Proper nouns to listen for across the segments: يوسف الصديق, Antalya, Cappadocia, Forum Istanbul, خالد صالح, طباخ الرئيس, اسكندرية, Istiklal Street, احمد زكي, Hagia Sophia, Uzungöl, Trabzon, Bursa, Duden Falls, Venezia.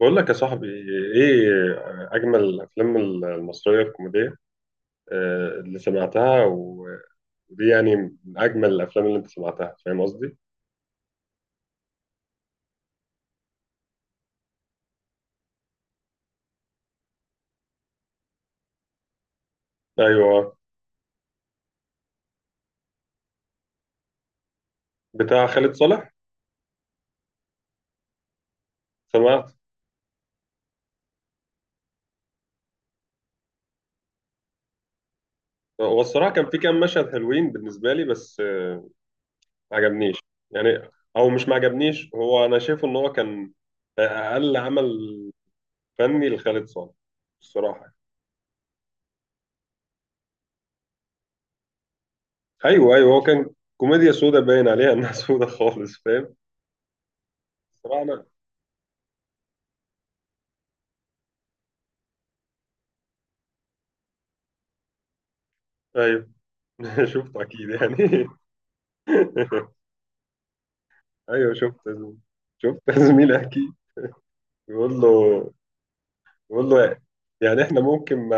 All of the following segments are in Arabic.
بقول لك يا صاحبي، ايه اجمل الافلام المصريه الكوميديه اللي سمعتها ودي يعني من اجمل الافلام اللي انت سمعتها، فاهم قصدي؟ ايوه، بتاع خالد صالح. سمعت. هو الصراحه كان في كام مشهد حلوين بالنسبه لي، بس ما عجبنيش يعني. او مش ما عجبنيش، هو انا شايفه ان هو كان اقل عمل فني لخالد صالح الصراحه. ايوه ايوه، هو كان كوميديا سودا، باين عليها انها سودا خالص، فاهم. الصراحه انا، ايوه شفته اكيد يعني. ايوه شفت يا زميلي، شفت يا زميلي اكيد. بيقول له، بيقول له إيه؟ يعني احنا ممكن ما،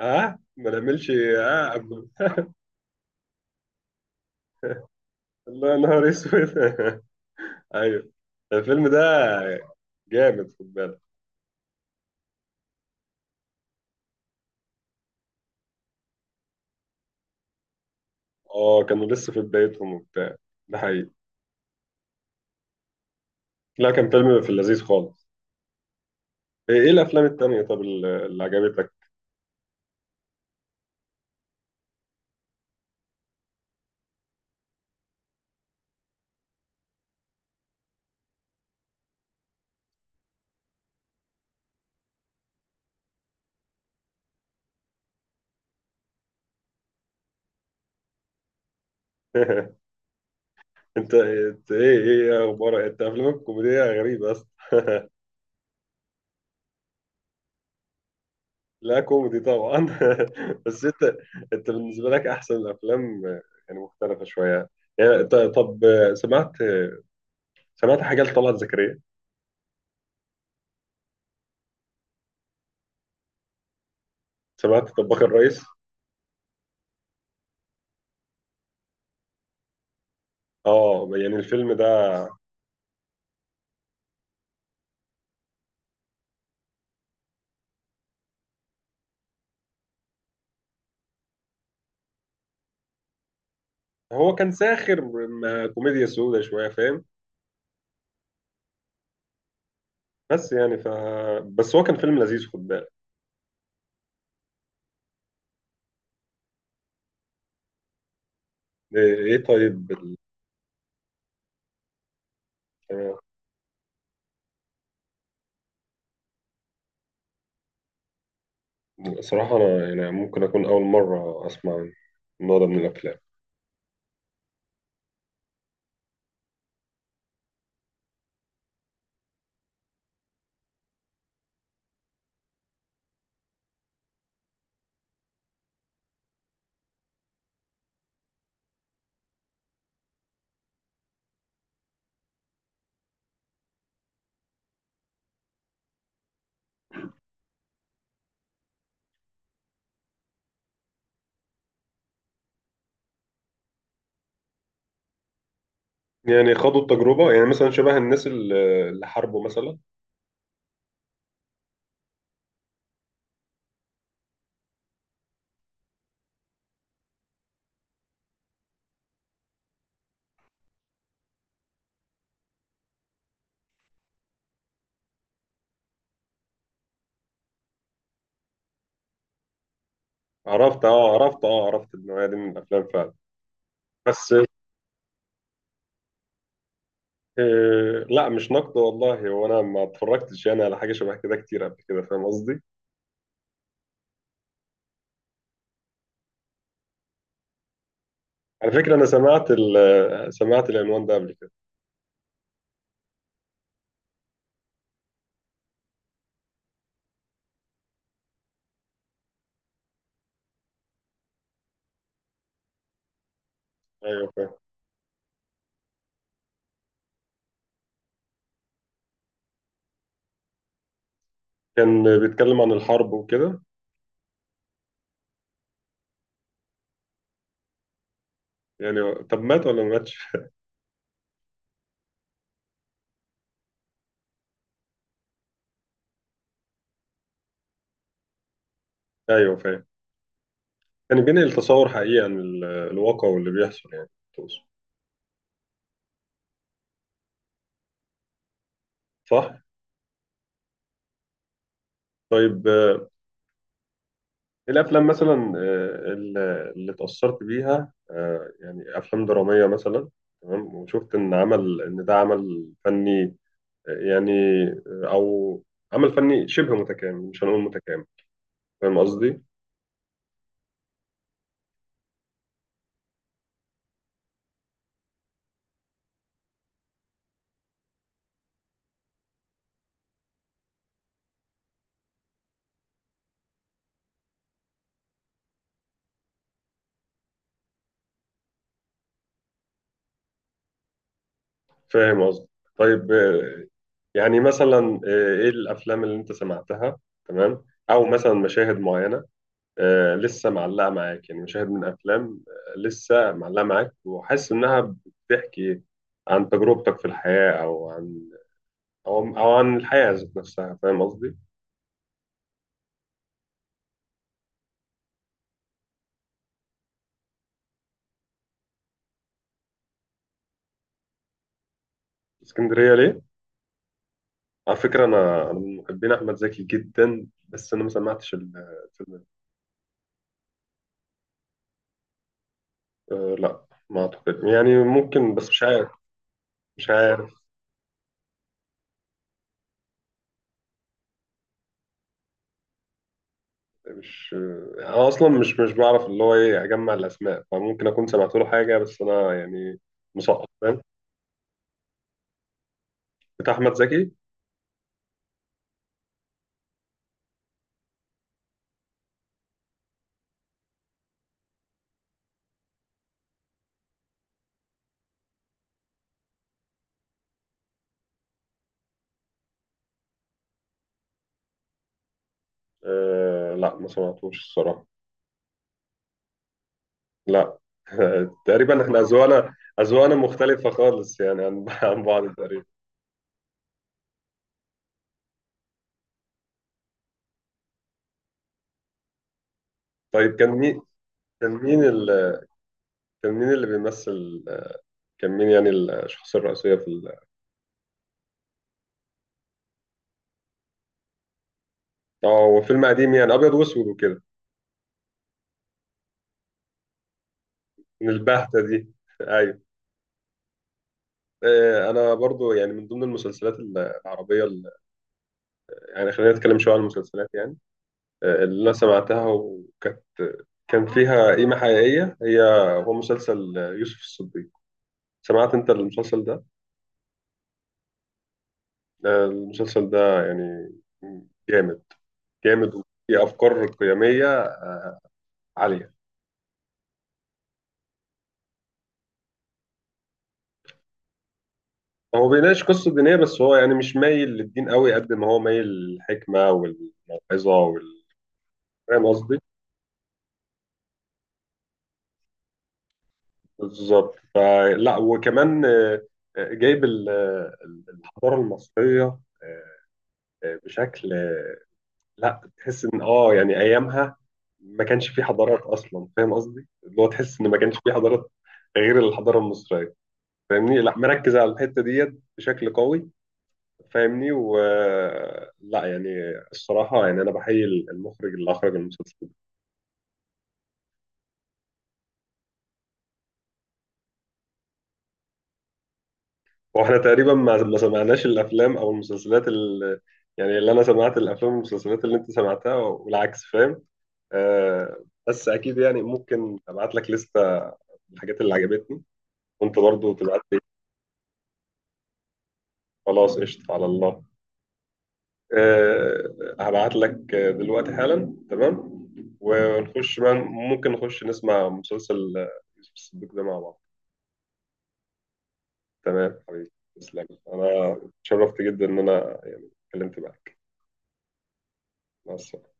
ها ما نعملش ها قبل. الله يا نهار اسود. ايوه، الفيلم ده جامد، خد بالك. اه كانوا لسه في بدايتهم وبتاع، ده حقيقي. لا كان فيلم في اللذيذ خالص. ايه إيه الافلام التانية؟ طب اللي عجبتك؟ إنت ايه ايه اخبارك؟ انت افلامك كوميدية غريبة. لا كوميدي طبعا. بس انت، انت بالنسبه لك احسن الافلام يعني مختلفه شويه يعني. طب سمعت، سمعت حاجه لطلعت زكريا؟ سمعت طباخ الرئيس؟ اه يعني الفيلم ده، هو كان ساخر، كوميديا سودة شويه، فاهم. بس يعني ف، بس هو كان فيلم لذيذ، خد بالك. ايه إيه طيب أنا- صراحه انا يعني ممكن اكون اول مره اسمع النوع ده من الافلام. يعني خدوا التجربه يعني، مثلا شبه الناس اللي حاربوا مثلا. عرفت اه، عرفت اه، عرفت النوعية دي من الأفلام فعلا. بس آه لا، مش نقد والله، هو أنا ما اتفرجتش يعني على حاجة شبه كده كتير قبل كده، فاهم قصدي؟ على فكرة أنا سمعت سمعت العنوان ده قبل كده. أيوه فاهم. كان بيتكلم عن الحرب وكده. يعني طب مات ولا ما ماتش؟ أيوه فاهم. كان بينقل تصور حقيقي عن الواقع واللي بيحصل يعني. تقصد؟ صح؟ طيب الأفلام مثلا اللي اتأثرت بيها يعني أفلام درامية مثلا، تمام، وشفت إن عمل إن ده عمل فني، يعني أو عمل فني شبه متكامل، مش هنقول متكامل، فاهم قصدي؟ فاهم قصدي. طيب يعني مثلا إيه الأفلام اللي أنت سمعتها؟ تمام. أو مثلا مشاهد معينة لسه معلقة معاك، يعني مشاهد من أفلام لسه معلقة معاك، وحاسس إنها بتحكي عن تجربتك في الحياة، أو عن، او او عن الحياه ذات نفسها، فاهم قصدي. اسكندريه ليه؟ على فكره انا من محبين احمد زكي جدا، بس انا ما سمعتش الفيلم ده. أه لا ما اعتقد، يعني ممكن بس مش عارف، مش عارف. مش آه، انا اصلا مش بعرف اللي هو ايه اجمع الاسماء، فممكن اكون سمعت له حاجه، بس انا يعني. مسقط، فاهم؟ بتاع احمد زكي. أه لا ما سمعتوش الصراحه. لا. تقريبا احنا اذواقنا مختلفه خالص يعني عن عن بعض تقريبا. طيب كان مين، كان مين ال، كان مين اللي بيمثل، كان مين يعني الشخصية الرئيسية في ال...؟ اه هو فيلم قديم يعني أبيض وأسود وكده؟ من البهتة دي. أيوه. أنا برضو يعني من ضمن المسلسلات العربية يعني خلينا نتكلم شوية عن المسلسلات، يعني اللي أنا سمعتها وكانت كان فيها قيمة حقيقية، هي هو مسلسل يوسف الصديق. سمعت أنت المسلسل ده؟ المسلسل ده يعني جامد، جامد وفيه أفكار قيمية عالية. هو بيناقش قصة دينية، بس هو يعني مش مايل للدين قوي قد ما هو مايل للحكمة والموعظة وال، فاهم قصدي؟ بالظبط، فلا. وكمان جايب الحضارة المصرية آه، بشكل لا، تحس ان اه يعني ايامها ما كانش في حضارات اصلا، فاهم قصدي؟ اللي هو تحس ان ما كانش في حضارات غير الحضارة المصرية، فاهمني؟ لا مركز على الحتة ديت بشكل قوي، فاهمني. و، لا يعني الصراحة يعني أنا بحيي المخرج اللي أخرج المسلسل ده. وإحنا تقريبا ما سمعناش الأفلام أو المسلسلات اللي، يعني اللي أنا سمعت الأفلام والمسلسلات اللي أنت سمعتها والعكس، فاهم. آه بس أكيد، يعني ممكن أبعت لك لستة الحاجات اللي عجبتني وأنت برضو تبعت لي. خلاص، قشطة، على الله. آه، هبعت لك دلوقتي حالا تمام. ونخش بقى، ممكن نخش نسمع مسلسل يوسف الصديق ده مع بعض. تمام حبيبي، تسلم. أنا اتشرفت جدا إن أنا يعني اتكلمت معاك. مع السلامة.